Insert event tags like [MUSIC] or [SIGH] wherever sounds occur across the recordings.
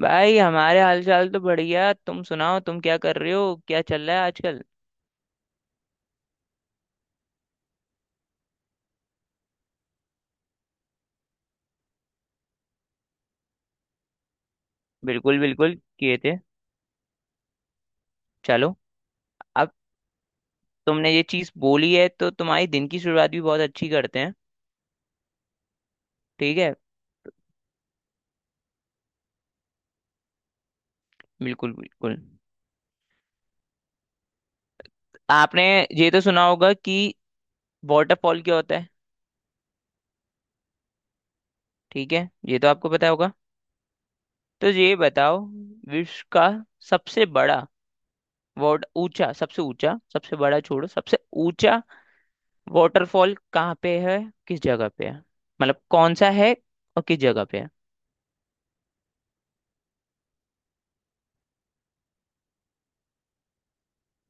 भाई हमारे हालचाल तो बढ़िया। तुम सुनाओ, तुम क्या कर रहे हो, क्या चल रहा है आजकल। बिल्कुल बिल्कुल किए थे। चलो। अब तुमने ये चीज बोली है तो तुम्हारी दिन की शुरुआत भी बहुत अच्छी करते हैं। ठीक है, बिल्कुल बिल्कुल। आपने ये तो सुना होगा कि वाटरफॉल क्या होता है। ठीक है, ये तो आपको पता होगा। तो ये बताओ, विश्व का सबसे बड़ा वाट ऊंचा, सबसे ऊंचा, सबसे बड़ा छोड़ो, सबसे ऊंचा वाटरफॉल कहाँ पे है, किस जगह पे है, मतलब कौन सा है और किस जगह पे है?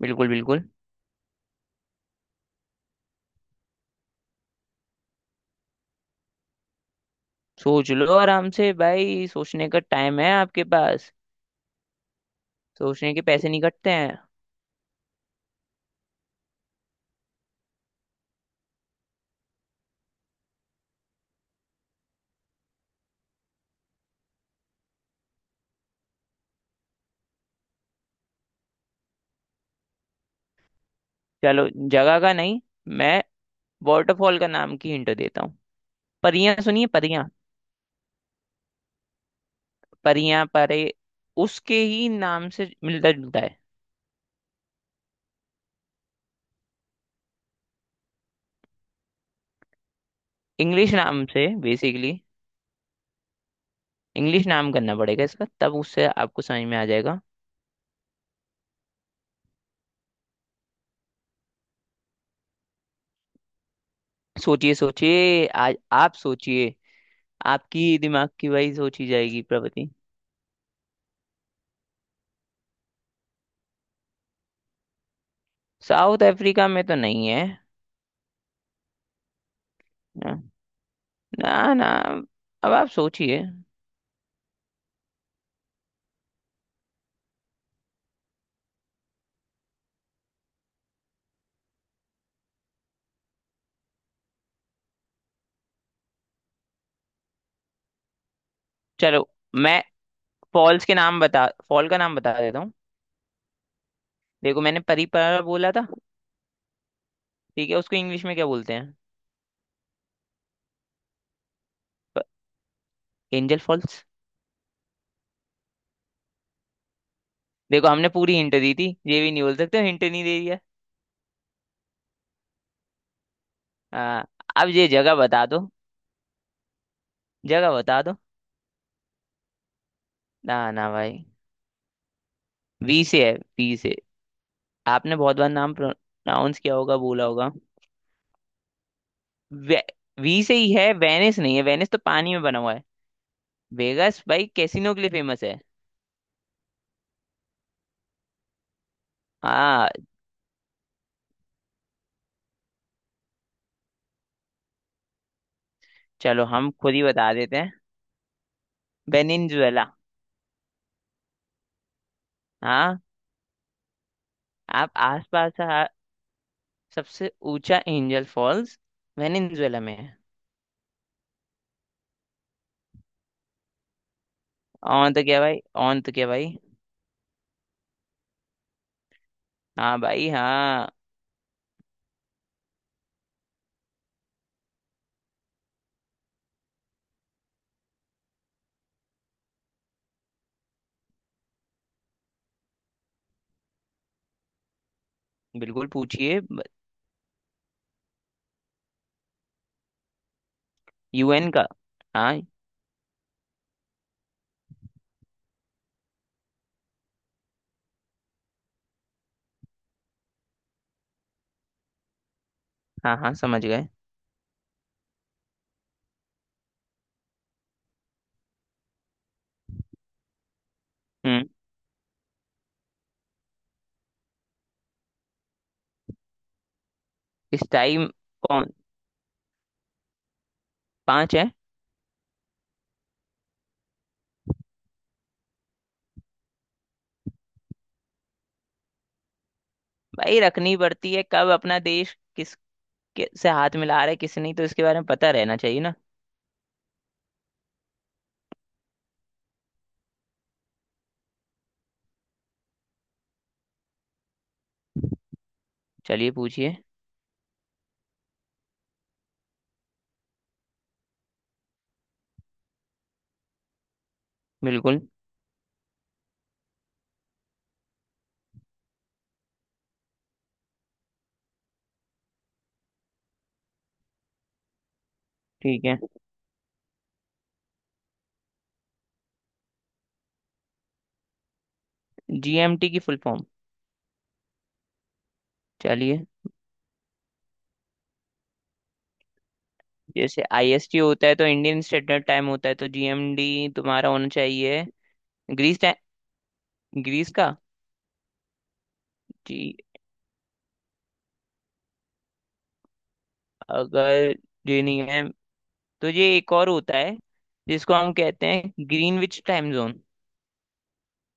बिल्कुल बिल्कुल। सोच लो आराम से भाई, सोचने का टाइम है आपके पास। सोचने के पैसे नहीं कटते हैं। चलो जगह का नहीं, मैं वाटरफॉल का नाम की हिंट देता हूँ। परियां, सुनिए परियां। परियां परे। उसके ही नाम से मिलता जुलता है। इंग्लिश नाम से बेसिकली। इंग्लिश नाम करना पड़ेगा इसका, तब उससे आपको समझ में आ जाएगा। सोचिए सोचिए आज। आप सोचिए। आपकी दिमाग की वही सोची जाएगी प्रवृत्ति। साउथ अफ्रीका में तो नहीं है। ना, ना, ना। अब आप सोचिए। चलो, मैं फॉल का नाम बता देता हूँ। देखो, मैंने परीपरा बोला था। ठीक है, उसको इंग्लिश में क्या बोलते हैं? Angel false. देखो हमने पूरी हिंट दी थी, ये भी नहीं बोल सकते, हिंट नहीं दे दिया। हाँ। अब ये जगह बता दो। जगह बता दो। ना ना भाई। वी से है, वी से। आपने बहुत बार नाम प्रोनाउंस किया होगा, बोला होगा। वे, वी से ही है। वेनिस नहीं है, वेनिस तो पानी में बना हुआ है। वेगास भाई कैसीनो के लिए फेमस है। हाँ। चलो हम खुद ही बता देते हैं। वेनिनजुएला। हाँ। आप आसपास का सबसे ऊंचा एंजल फॉल्स वेनिनजुएला में है। ऑन तो क्या भाई, ऑन तो क्या भाई। हाँ भाई हाँ। बिल्कुल पूछिए। यूएन का? हाँ हाँ हाँ, समझ गए। हम्म इस टाइम। कौन? पांच है। भाई रखनी पड़ती है, कब अपना देश किस के से हाथ मिला रहा है किसी, नहीं तो इसके बारे में पता रहना चाहिए ना। चलिए पूछिए। बिल्कुल। ठीक है। जीएमटी की फुल फॉर्म। चलिए। जैसे आईएसटी होता है तो इंडियन स्टैंडर्ड टाइम होता है, तो जीएमडी तुम्हारा होना चाहिए ग्रीस टाइम, ग्रीस का। जी। अगर ये नहीं है तो ये एक और होता है जिसको हम कहते हैं Greenwich time zone.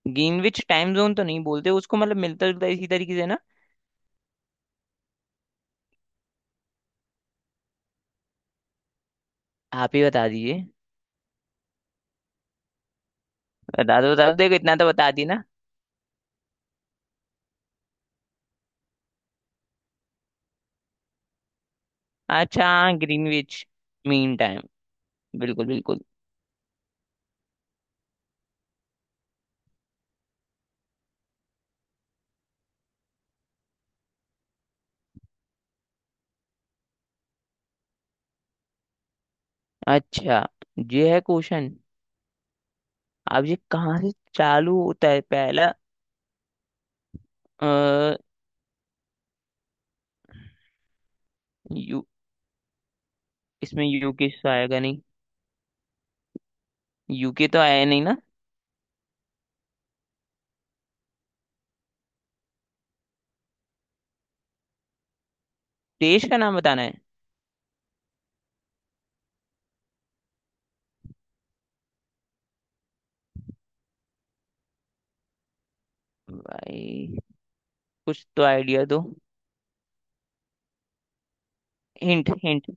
Greenwich time zone तो नहीं बोलते उसको, मतलब मिलता जुलता इसी तरीके से ना। आप ही बता दीजिए। बता दो बता दो, देखो इतना तो बता दिए ना। अच्छा, ग्रीनविच मीन टाइम, बिल्कुल बिल्कुल। अच्छा। ये है क्वेश्चन। अब ये कहाँ से चालू होता है पहला? अ, यू इसमें यूके से आएगा नहीं? यूके तो आया नहीं ना। देश का नाम बताना है। भाई कुछ तो आइडिया दो, hint hint.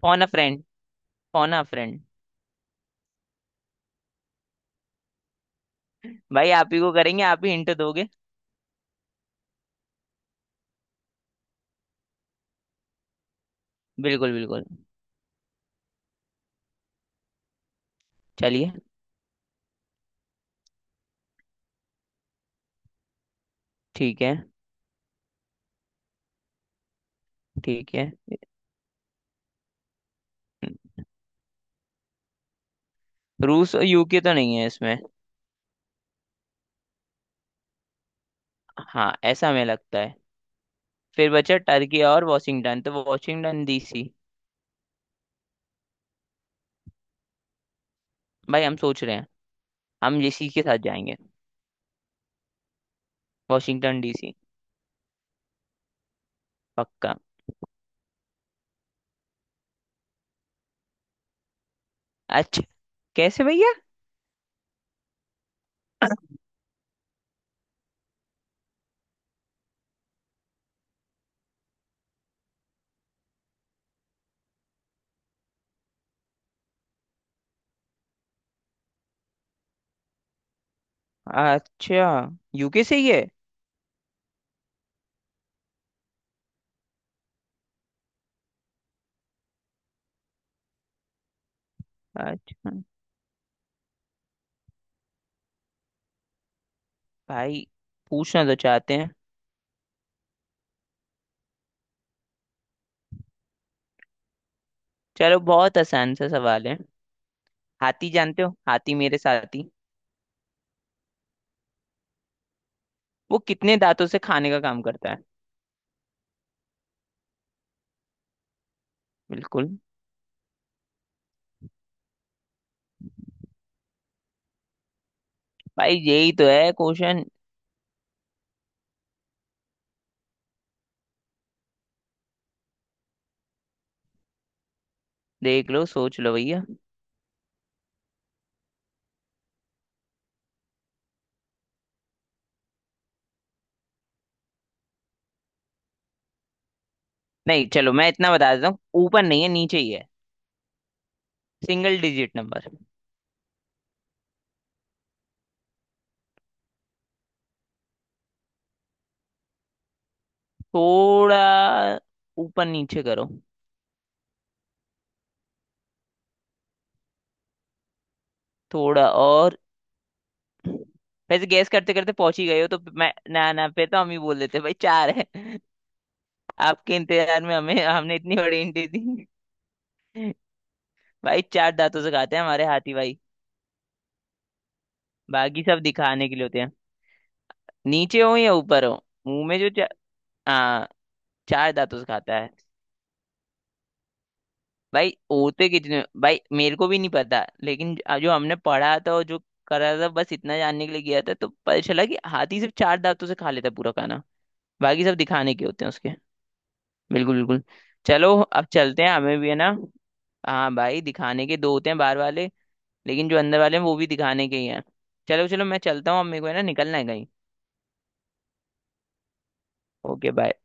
Phone a friend, phone a friend. भाई आप ही को करेंगे, आप ही हिंट दोगे। बिल्कुल बिल्कुल, चलिए। ठीक है, ठीक है। रूस और यूके तो नहीं है इसमें, हाँ ऐसा हमें लगता है। फिर बचा टर्की और वॉशिंगटन, तो वॉशिंगटन डीसी। भाई हम सोच रहे हैं, हम इसी के साथ जाएंगे। Washington DC. पक्का। अच्छा, कैसे भैया? अच्छा, यूके से ही है? अच्छा, भाई पूछना तो चाहते हैं। चलो बहुत आसान सा सवाल है। हाथी जानते हो, हाथी मेरे साथी। वो कितने दांतों से खाने का काम करता है? बिल्कुल। भाई यही तो है क्वेश्चन। देख लो, सोच लो भैया। नहीं, चलो मैं इतना बता देता हूँ। ऊपर नहीं है, नीचे ही है। Single digit number. थोड़ा ऊपर नीचे करो। थोड़ा और। वैसे गैस करते करते पहुंच ही गए हो, तो मैं ना ना पे तो हम ही बोल देते, भाई चार है। [LAUGHS] आपके इंतजार में हमें हमने इतनी बड़ी हिंट दी। [LAUGHS] भाई चार दांतों से खाते हैं हमारे हाथी भाई। बाकी सब दिखाने के लिए होते हैं। नीचे हो या ऊपर हो, मुंह में जो हाँ, चार दांतों से खाता है। भाई होते कितने, भाई मेरे को भी नहीं पता, लेकिन जो हमने पढ़ा था और जो करा था, बस इतना जानने के लिए गया था तो पता चला कि हाथी सिर्फ चार दांतों से खा लेता है पूरा खाना। बाकी सब दिखाने के होते हैं उसके। बिल्कुल बिल्कुल। चलो अब चलते हैं, हमें भी है ना। हाँ भाई, दिखाने के दो होते हैं बाहर वाले, लेकिन जो अंदर वाले हैं वो भी दिखाने के ही हैं। चलो चलो, मैं चलता हूँ अब, मेरे को है ना, निकलना है कहीं। Okay bye.